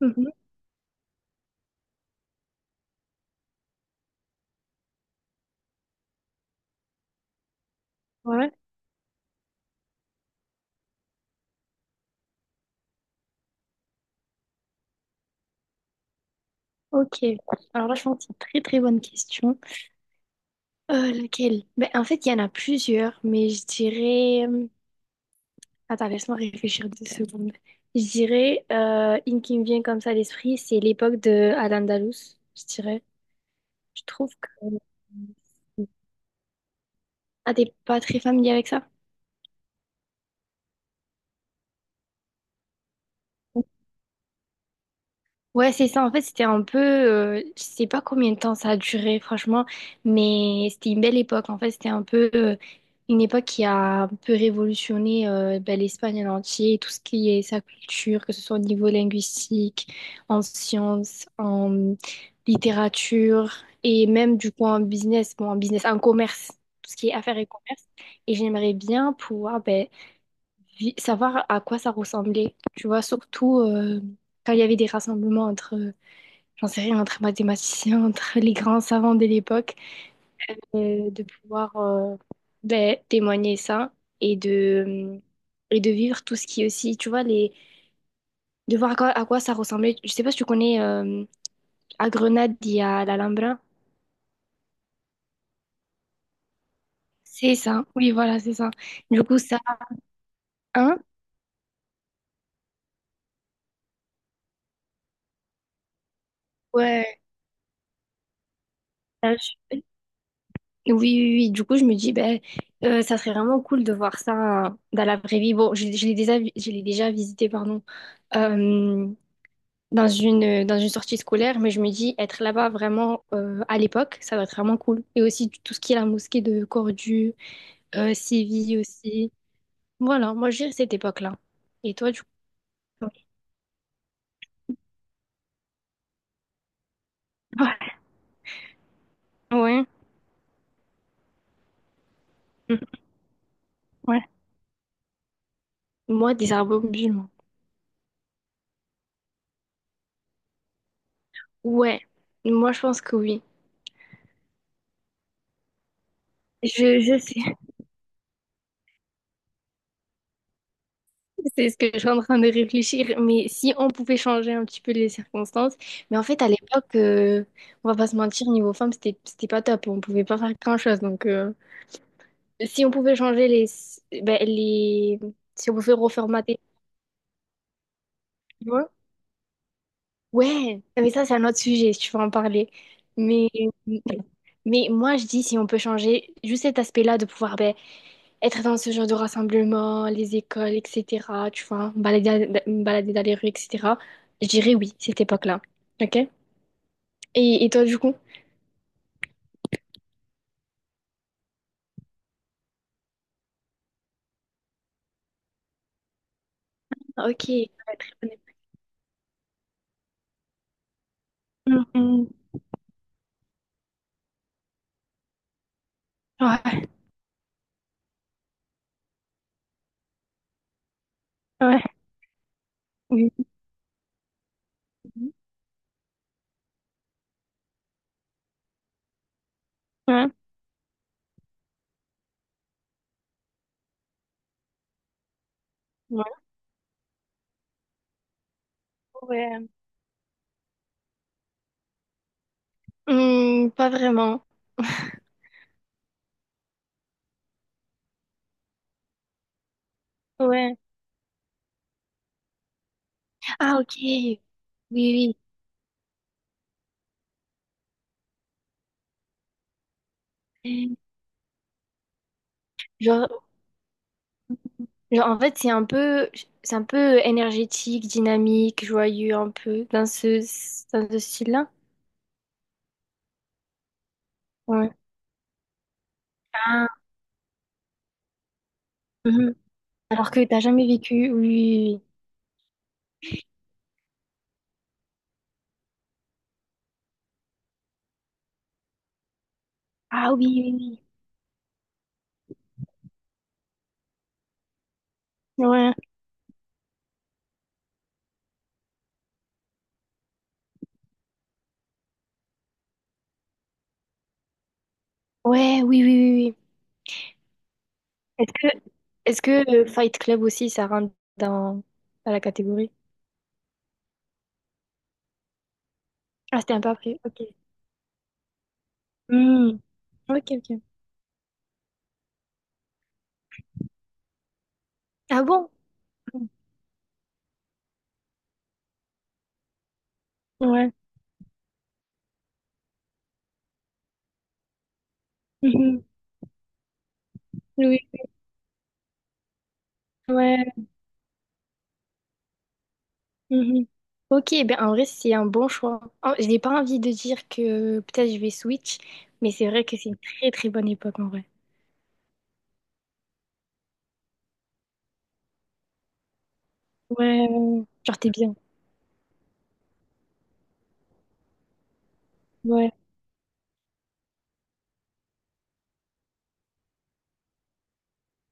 Mhm. Ouais, ok. Alors là, je pense que c'est une très très bonne question. Laquelle? Ben, en fait, il y en a plusieurs, mais je dirais. Attends, laisse-moi réfléchir 2 secondes. Je dirais, une qui me vient comme ça à l'esprit, c'est l'époque de Al-Andalus, je dirais. Je trouve que... euh, Ah, t'es pas très familier avec ça? Ouais, c'est ça. En fait, c'était un peu, je sais pas combien de temps ça a duré, franchement, mais c'était une belle époque. En fait, c'était un peu une époque qui a un peu révolutionné ben, l'Espagne en entier, tout ce qui est sa culture, que ce soit au niveau linguistique, en sciences, en littérature et même du coup en business, bon, en business, en commerce, tout ce qui est affaires et commerce. Et j'aimerais bien pouvoir ben, savoir à quoi ça ressemblait, tu vois, surtout quand il y avait des rassemblements entre j'en sais rien, entre mathématiciens, entre les grands savants de l'époque, de pouvoir ben, témoigner ça et de, et de vivre tout ce qui est aussi, tu vois, les, de voir à quoi ça ressemblait. Je sais pas si tu connais, à Grenade, il y a l'Alhambra. C'est ça, oui, voilà, c'est ça. Du coup, ça, hein? Ouais. ça, je- Oui, oui, oui. Du coup, je me dis, ben, ça serait vraiment cool de voir ça dans la vraie vie. Bon, je l'ai déjà, je l'ai déjà visité, pardon. Euh, dans une sortie scolaire, mais je me dis être là-bas vraiment à l'époque, ça doit être vraiment cool. Et aussi tout ce qui est la mosquée de Cordoue, Séville aussi. Voilà, moi je dirais cette époque-là. Et toi, du coup? Ouais. Ouais. Mhm. Ouais. Moi, des arbres musulmans. Ouais, moi je pense que oui. Je sais, c'est ce que je suis en train de réfléchir, mais si on pouvait changer un petit peu les circonstances. Mais en fait, à l'époque, on va pas se mentir, niveau femme, c'était pas top. On pouvait pas faire grand-chose, donc si on pouvait changer les, ben, les... Si on pouvait reformater, tu vois? Ouais, mais ça, c'est un autre sujet, si tu veux en parler. Mais, mais moi, je dis, si on peut changer juste cet aspect-là de pouvoir ben, être dans ce genre de rassemblement, les écoles, etc., tu vois, me balader dans les rues, etc., je dirais oui, cette époque-là. OK? Et toi, du coup? Ah, ok. Ouais, très bonne époque. Hum, hum. Ouais, ouais. Oui. Ouais. Ouais. Ouais. Pas vraiment. Ouais. Ah, ok. Oui, oui. Genre, genre, en fait, c'est un peu énergétique, dynamique, joyeux, un peu, dans ce style-là. Ouais. Ah, mhm. Alors que t'as jamais vécu. Oui, oui, oui. Ah, oui, oui, oui. Ouais. Ouais, oui, oui, oui. Oui. Est-ce que, est-ce que Fight Club aussi, ça rentre dans la catégorie? Ah, c'était un peu après. Ok. Hmm. Ok, ok. Ah bon? Ouais. Mhm. Oui. Oui. Ouais, mhm. Ok, ben en vrai, c'est un bon choix. Je n'ai pas envie de dire que peut-être je vais switch, mais c'est vrai que c'est une très très bonne époque en vrai. Ouais, ouais. Ouais. Genre t'es bien. Ouais.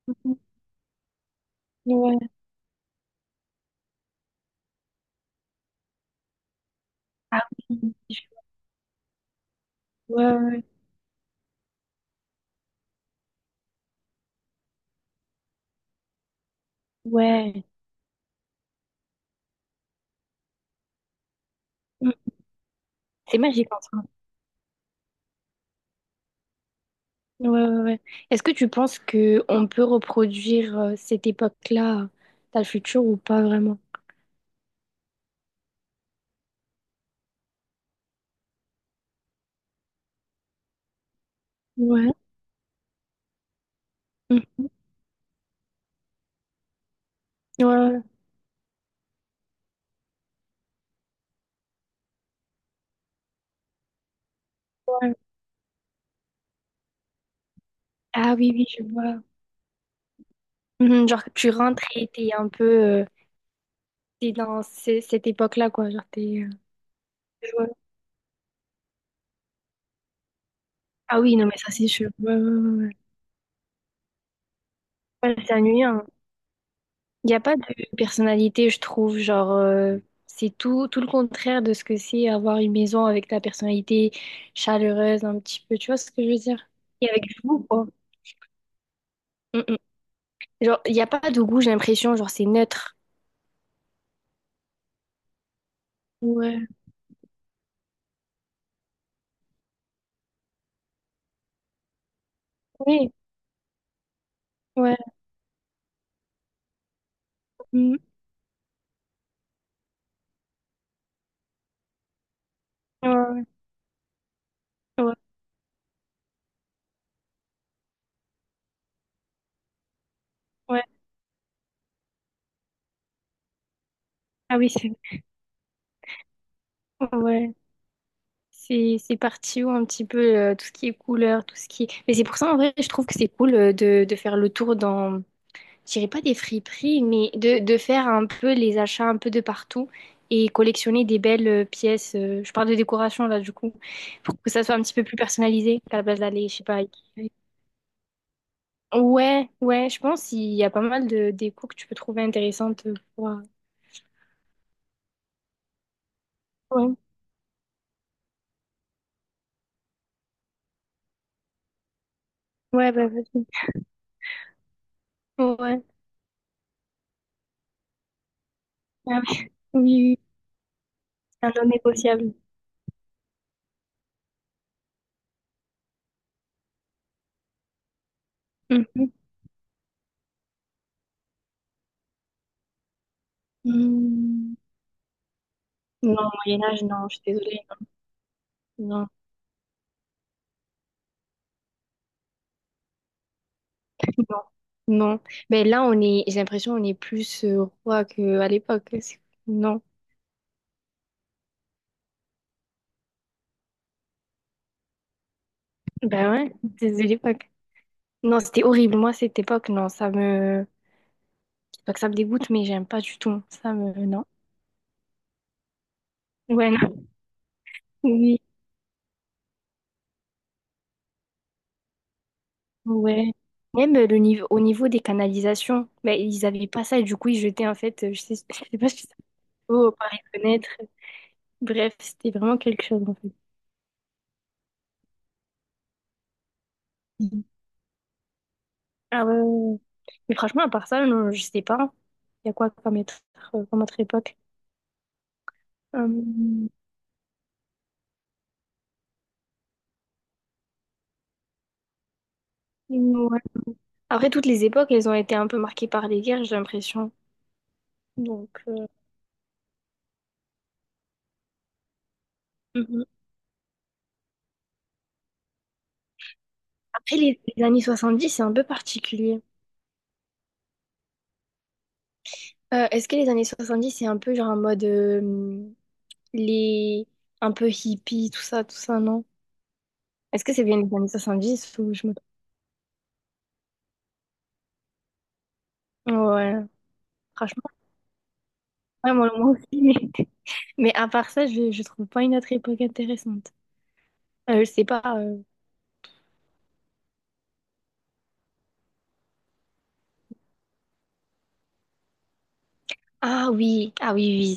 Mhm. Ouais. Ah oui. Ouais, ouais. Ouais. Mhm. C'est magique en soi. Ouais, ouais, ouais. Est-ce que tu penses que on peut reproduire cette époque-là dans le futur ou pas vraiment? Ouais. Mhm. Ouais, ouais. Ah oui, oui, je vois. Mhm, genre que tu rentres et t'es un peu. T'es dans cette époque-là, quoi. Genre, t'es... Ouais. Ah oui, non, mais ça, c'est sûr. Ouais, ouais, ouais, ouais. Ouais, c'est ennuyant. Il n'y a pas de personnalité, je trouve. Genre, c'est tout, tout le contraire de ce que c'est avoir une maison avec ta personnalité chaleureuse, un petit peu. Tu vois ce que je veux dire? Et avec du goût, quoi. Mm, mm. Genre, il n'y a pas de goût, j'ai l'impression. Genre, c'est neutre. Ouais. Oui, ouais. Mm. Ouais, ouais, ouais. Ouais. Ah oui, c'est vrai. Ouais. C'est parti où un petit peu tout ce qui est couleur, tout ce qui est... Mais c'est pour ça en vrai, je trouve que c'est cool de faire le tour dans, je dirais pas des friperies, mais de faire un peu les achats un peu de partout et collectionner des belles pièces. Je parle de décoration là du coup, pour que ça soit un petit peu plus personnalisé qu'à la place d'aller, je sais pas. Avec- Ouais, ouais, je pense qu'il y a pas mal de déco que tu peux trouver intéressantes pour... Ouais, ouais, bah vas-y. Ouais, ah ouais. Oui, oui, oui. C'est un non négociable. Mhm. Hmm. Non, au Moyen Âge, non, je suis désolée. Non, non, non. Mais là, on est, j'ai l'impression on est plus roi qu'à l'époque. C'est- Non. Ben ouais, désolée l'époque. Non, c'était horrible. Moi, cette époque, non, ça me... C'est pas que ça me dégoûte, mais j'aime pas du tout. Ça me... Non. Ouais, non. Oui, ouais. Même le niveau, au niveau des canalisations, ben, ils avaient pas ça et du coup, ils jetaient, en fait, je sais pas si ça... Oh, par les fenêtres. Bref, c'était vraiment quelque chose, en fait. Ah ouais. Mais franchement, à part ça, non, je sais pas. Il y a quoi comme, être, comme autre époque? Euh, ouais. Après, toutes les époques, elles ont été un peu marquées par les guerres, j'ai l'impression. Donc, mhm. Après, les années 10 c'est un peu particulier. Est-ce que les années 70 c'est un peu genre en mode les un peu hippie, tout ça, non? Est-ce que c'est bien les années 70 ou je me... Ouais, franchement, ouais, moi, moi aussi. Mais à part ça, je trouve pas une autre époque intéressante. Je sais pas. Ah oui, ah oui, oui.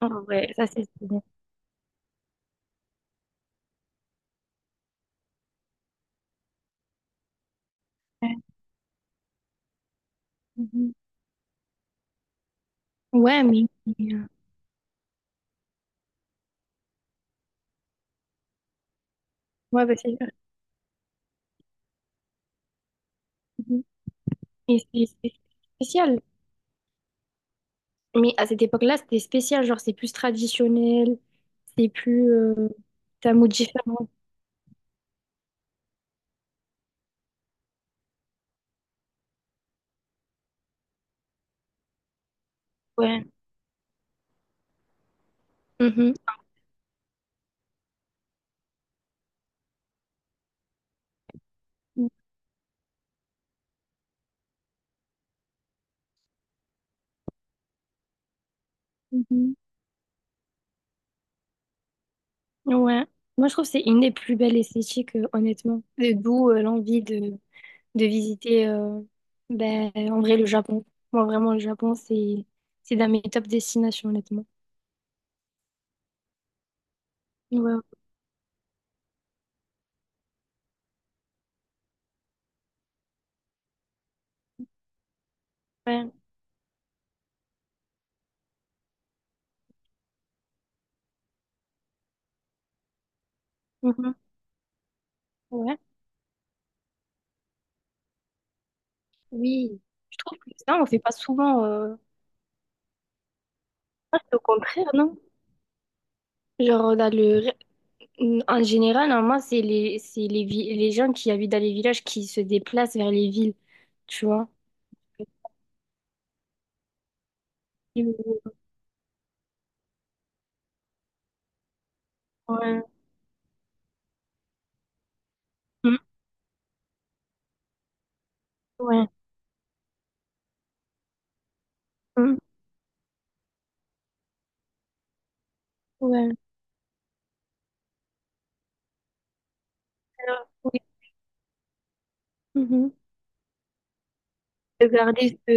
Ah ouais, ça c'est stylé. Ouais, mhm. Ouais, mais... euh, Ouais, bah, c'est mhm. Mais c'est spécial. Mais à cette époque-là, c'était spécial. Genre, c'est plus traditionnel. C'est plus... T'as un mot différent. Ouais. Mhm. Mhm. Ouais. Moi, je trouve que c'est une des plus belles esthétiques, honnêtement. Et d'où l'envie de visiter, ben, en vrai, le Japon. Moi, vraiment, le Japon, c'est dans mes top destinations, honnêtement. Ouais, ouais. Mhm. Ouais, oui. Je trouve que ça, on fait pas souvent. Ah, c'est au contraire, non? Genre, dans le... en général, normalement, c'est les, les gens qui habitent dans les villages qui se déplacent vers les villes, tu vois? Ouais. Mm. Ouais. Mm. Ouais. Alors, oui. Mhm. De garder ce...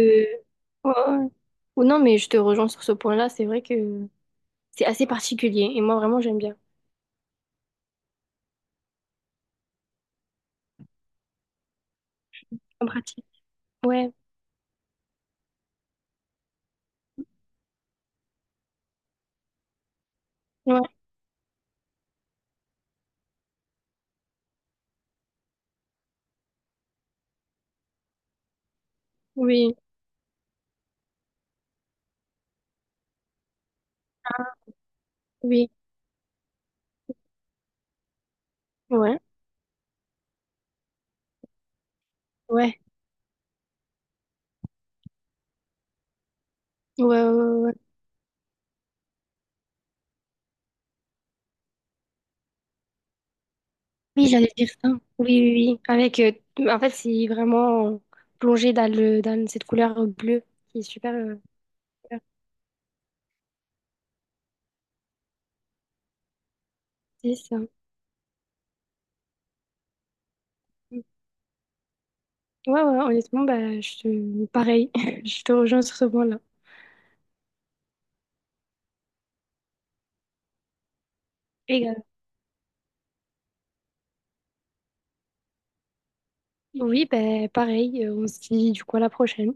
Ouais, ouais. Ou non, mais je te rejoins sur ce point-là. C'est vrai que c'est assez particulier. Et moi, vraiment, j'aime bien. En pratique. Ouais. Ouais. Oui. Oui. Ouais. Ouais. Ouais. Ouais. Ouais, ouais. Oui, j'allais dire ça. Oui, oui, oui. Avec, en fait, c'est vraiment plongé dans le, dans cette couleur bleue qui est super. Super triste, ça. Mm. Ouais, ouais, honnêtement, bah, je pareil. Je te rejoins sur ce point-là. Égal. Oui, bah, pareil. On se dit du coup à la prochaine.